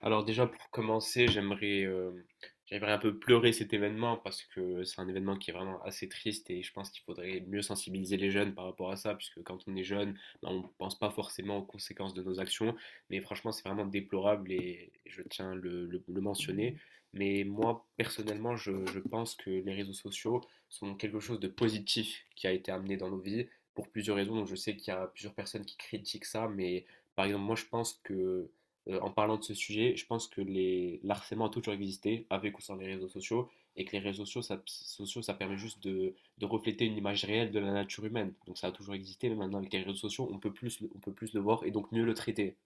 Alors déjà pour commencer, j'aimerais un peu pleurer cet événement parce que c'est un événement qui est vraiment assez triste et je pense qu'il faudrait mieux sensibiliser les jeunes par rapport à ça puisque quand on est jeune, ben, on ne pense pas forcément aux conséquences de nos actions. Mais franchement, c'est vraiment déplorable et je tiens le mentionner. Mais moi personnellement, je pense que les réseaux sociaux sont quelque chose de positif qui a été amené dans nos vies pour plusieurs raisons. Donc je sais qu'il y a plusieurs personnes qui critiquent ça, mais par exemple, moi je pense que en parlant de ce sujet, je pense que l'harcèlement a toujours existé, avec ou sans les réseaux sociaux, et que les réseaux sociaux, ça permet juste de refléter une image réelle de la nature humaine. Donc ça a toujours existé, mais maintenant avec les réseaux sociaux, on peut plus le voir et donc mieux le traiter.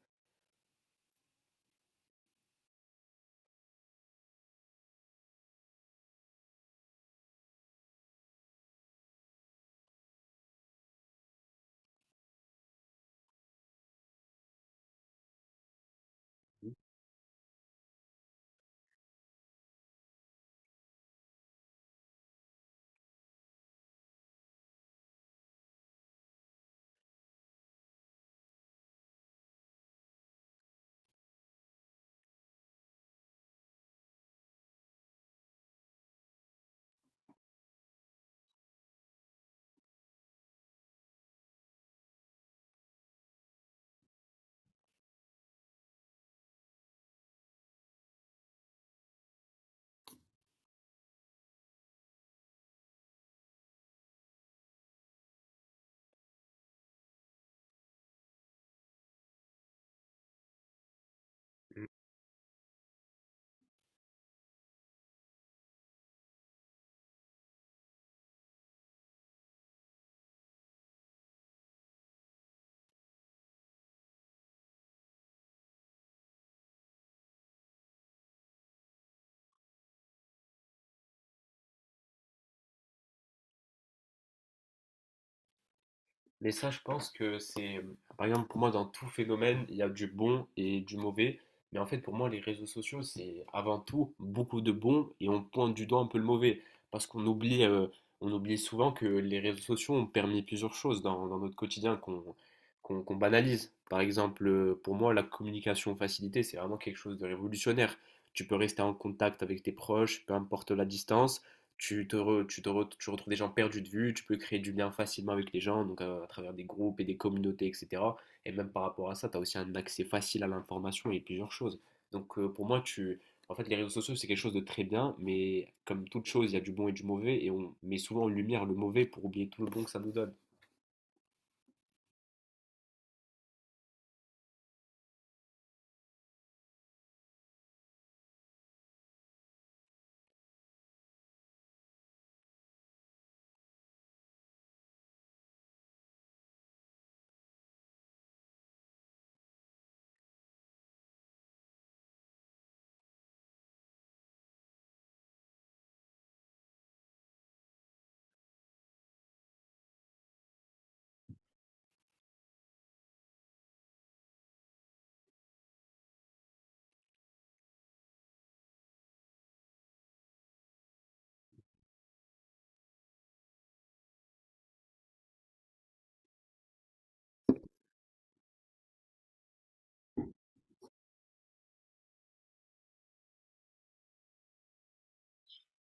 Mais ça, je pense que c'est, par exemple, pour moi, dans tout phénomène, il y a du bon et du mauvais. Mais en fait, pour moi, les réseaux sociaux, c'est avant tout beaucoup de bon et on pointe du doigt un peu le mauvais. Parce qu'on oublie souvent que les réseaux sociaux ont permis plusieurs choses dans notre quotidien qu'on banalise. Par exemple, pour moi, la communication facilitée, c'est vraiment quelque chose de révolutionnaire. Tu peux rester en contact avec tes proches, peu importe la distance. Tu retrouves des gens perdus de vue, tu peux créer du lien facilement avec les gens, donc à travers des groupes et des communautés, etc. Et même par rapport à ça, tu as aussi un accès facile à l'information et plusieurs choses. Donc pour moi, en fait, les réseaux sociaux, c'est quelque chose de très bien, mais comme toute chose, il y a du bon et du mauvais, et on met souvent en lumière le mauvais pour oublier tout le bon que ça nous donne.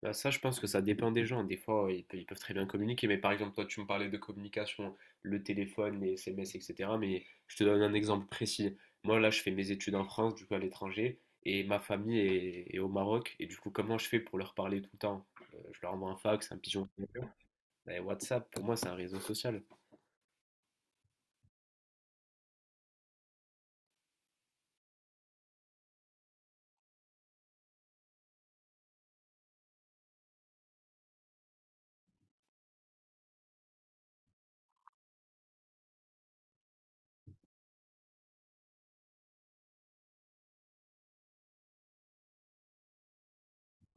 Bah, ça, je pense que ça dépend des gens. Des fois, ils peuvent très bien communiquer, mais par exemple, toi, tu me parlais de communication, le téléphone, les SMS, etc. Mais je te donne un exemple précis. Moi, là, je fais mes études en France, du coup, à l'étranger, et ma famille est au Maroc. Et du coup, comment je fais pour leur parler tout le temps? Je leur envoie un fax, un pigeon, et WhatsApp, pour moi, c'est un réseau social.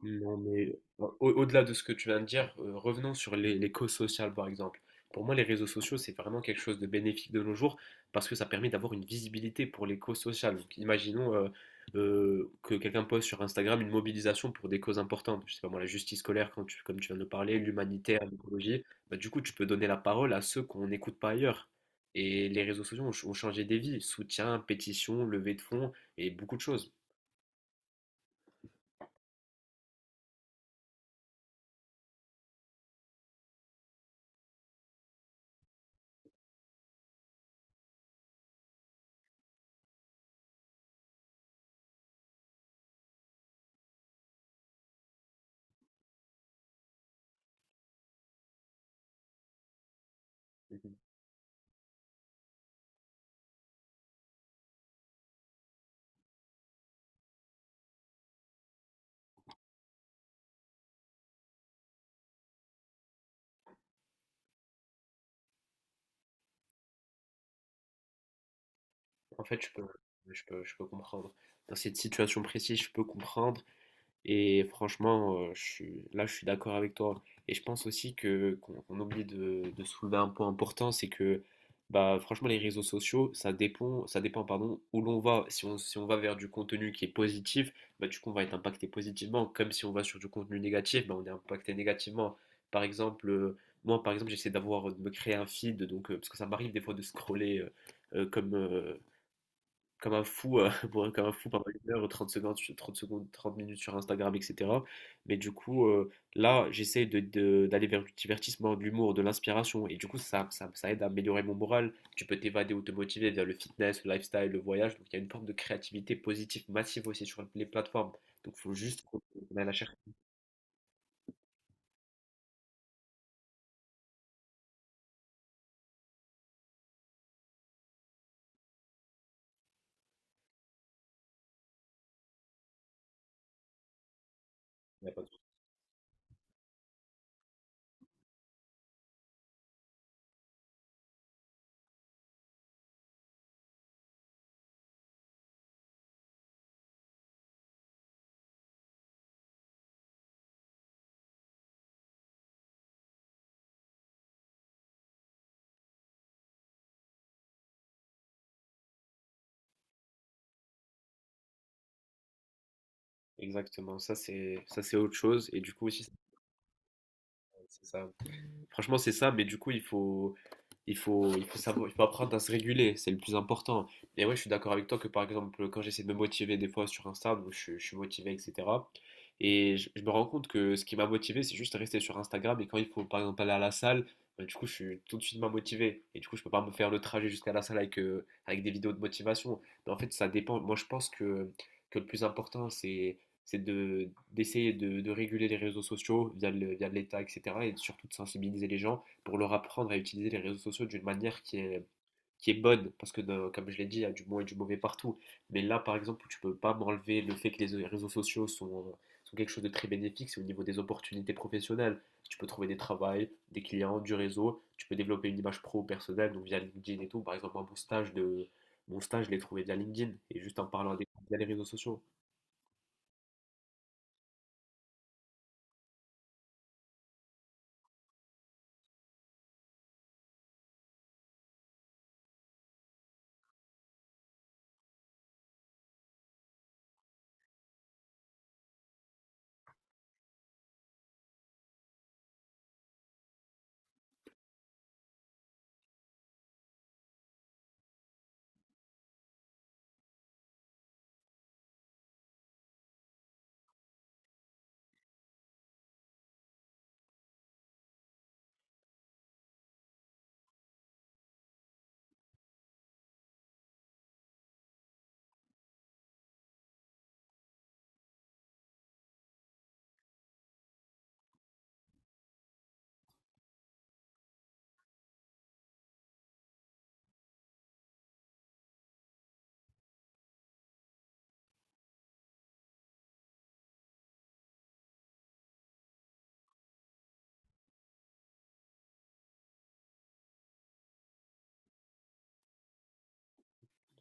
Non, mais au-delà de ce que tu viens de dire, revenons sur les causes sociales, par exemple. Pour moi, les réseaux sociaux, c'est vraiment quelque chose de bénéfique de nos jours parce que ça permet d'avoir une visibilité pour les causes sociales. Donc, imaginons que quelqu'un poste sur Instagram une mobilisation pour des causes importantes. Je sais pas moi, la justice scolaire, comme tu viens de le parler, l'humanitaire, l'écologie. Bah, du coup, tu peux donner la parole à ceux qu'on n'écoute pas ailleurs. Et les réseaux sociaux ont changé des vies. Soutien, pétition, levée de fonds et beaucoup de choses. En fait, je peux, ouais, je peux comprendre. Dans cette situation précise, je peux comprendre. Et franchement, là, je suis d'accord avec toi. Et je pense aussi que qu'on on oublie de soulever un point important, c'est que bah, franchement, les réseaux sociaux, ça dépend, pardon, où l'on va. Si on va vers du contenu qui est positif, bah, du coup, on va être impacté positivement. Comme si on va sur du contenu négatif, bah, on est impacté négativement. Par exemple, moi, par exemple, j'essaie d'avoir, de me créer un feed, donc, parce que ça m'arrive des fois de scroller. Euh, comme, euh, Comme un fou, comme un fou pendant une heure, 30 secondes, 30 secondes, 30 minutes sur Instagram, etc. Mais du coup, là, j'essaie de, d'aller vers du divertissement, de l'humour, de l'inspiration. Et du coup, ça aide à améliorer mon moral. Tu peux t'évader ou te motiver via le fitness, le lifestyle, le voyage. Donc, il y a une forme de créativité positive massive aussi sur les plateformes. Donc, il faut juste qu'on aille la chercher. Il y a pas de- Exactement. Ça, c'est autre chose. Et du coup, aussi, c'est ça. Franchement, c'est ça. Mais du coup, il faut savoir, il faut apprendre à se réguler, c'est le plus important. Et ouais, je suis d'accord avec toi que par exemple, quand j'essaie de me motiver des fois sur Insta, donc je suis motivé, etc. Et je me rends compte que ce qui m'a motivé, c'est juste rester sur Instagram. Et quand il faut par exemple aller à la salle, bah, du coup, je suis tout de suite moins motivé. Et du coup, je peux pas me faire le trajet jusqu'à la salle avec des vidéos de motivation. Mais en fait, ça dépend. Moi, je pense que le plus important, c'est de d'essayer de réguler les réseaux sociaux via de l'État, etc. Et surtout de sensibiliser les gens pour leur apprendre à utiliser les réseaux sociaux d'une manière qui est bonne, parce que comme je l'ai dit, il y a du bon et du mauvais partout. Mais là, par exemple, où tu peux pas m'enlever le fait que les réseaux sociaux sont quelque chose de très bénéfique, c'est au niveau des opportunités professionnelles. Tu peux trouver des travails, des clients, du réseau, tu peux développer une image pro personnelle, donc via LinkedIn et tout. Par exemple, moi, mon stage, je l'ai trouvé via LinkedIn, et juste en parlant à des via les réseaux sociaux.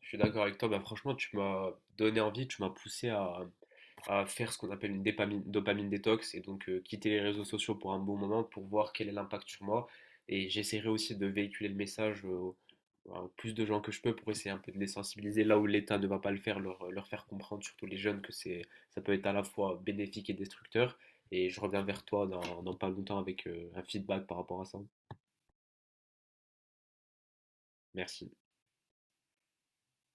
Je suis d'accord avec toi, bah franchement, tu m'as donné envie, tu m'as poussé à faire ce qu'on appelle une dopamine détox et donc quitter les réseaux sociaux pour un bon moment pour voir quel est l'impact sur moi. Et j'essaierai aussi de véhiculer le message à plus de gens que je peux pour essayer un peu de les sensibiliser là où l'État ne va pas le faire, leur faire comprendre, surtout les jeunes, que c'est, ça peut être à la fois bénéfique et destructeur. Et je reviens vers toi dans pas longtemps avec un feedback par rapport à ça. Merci.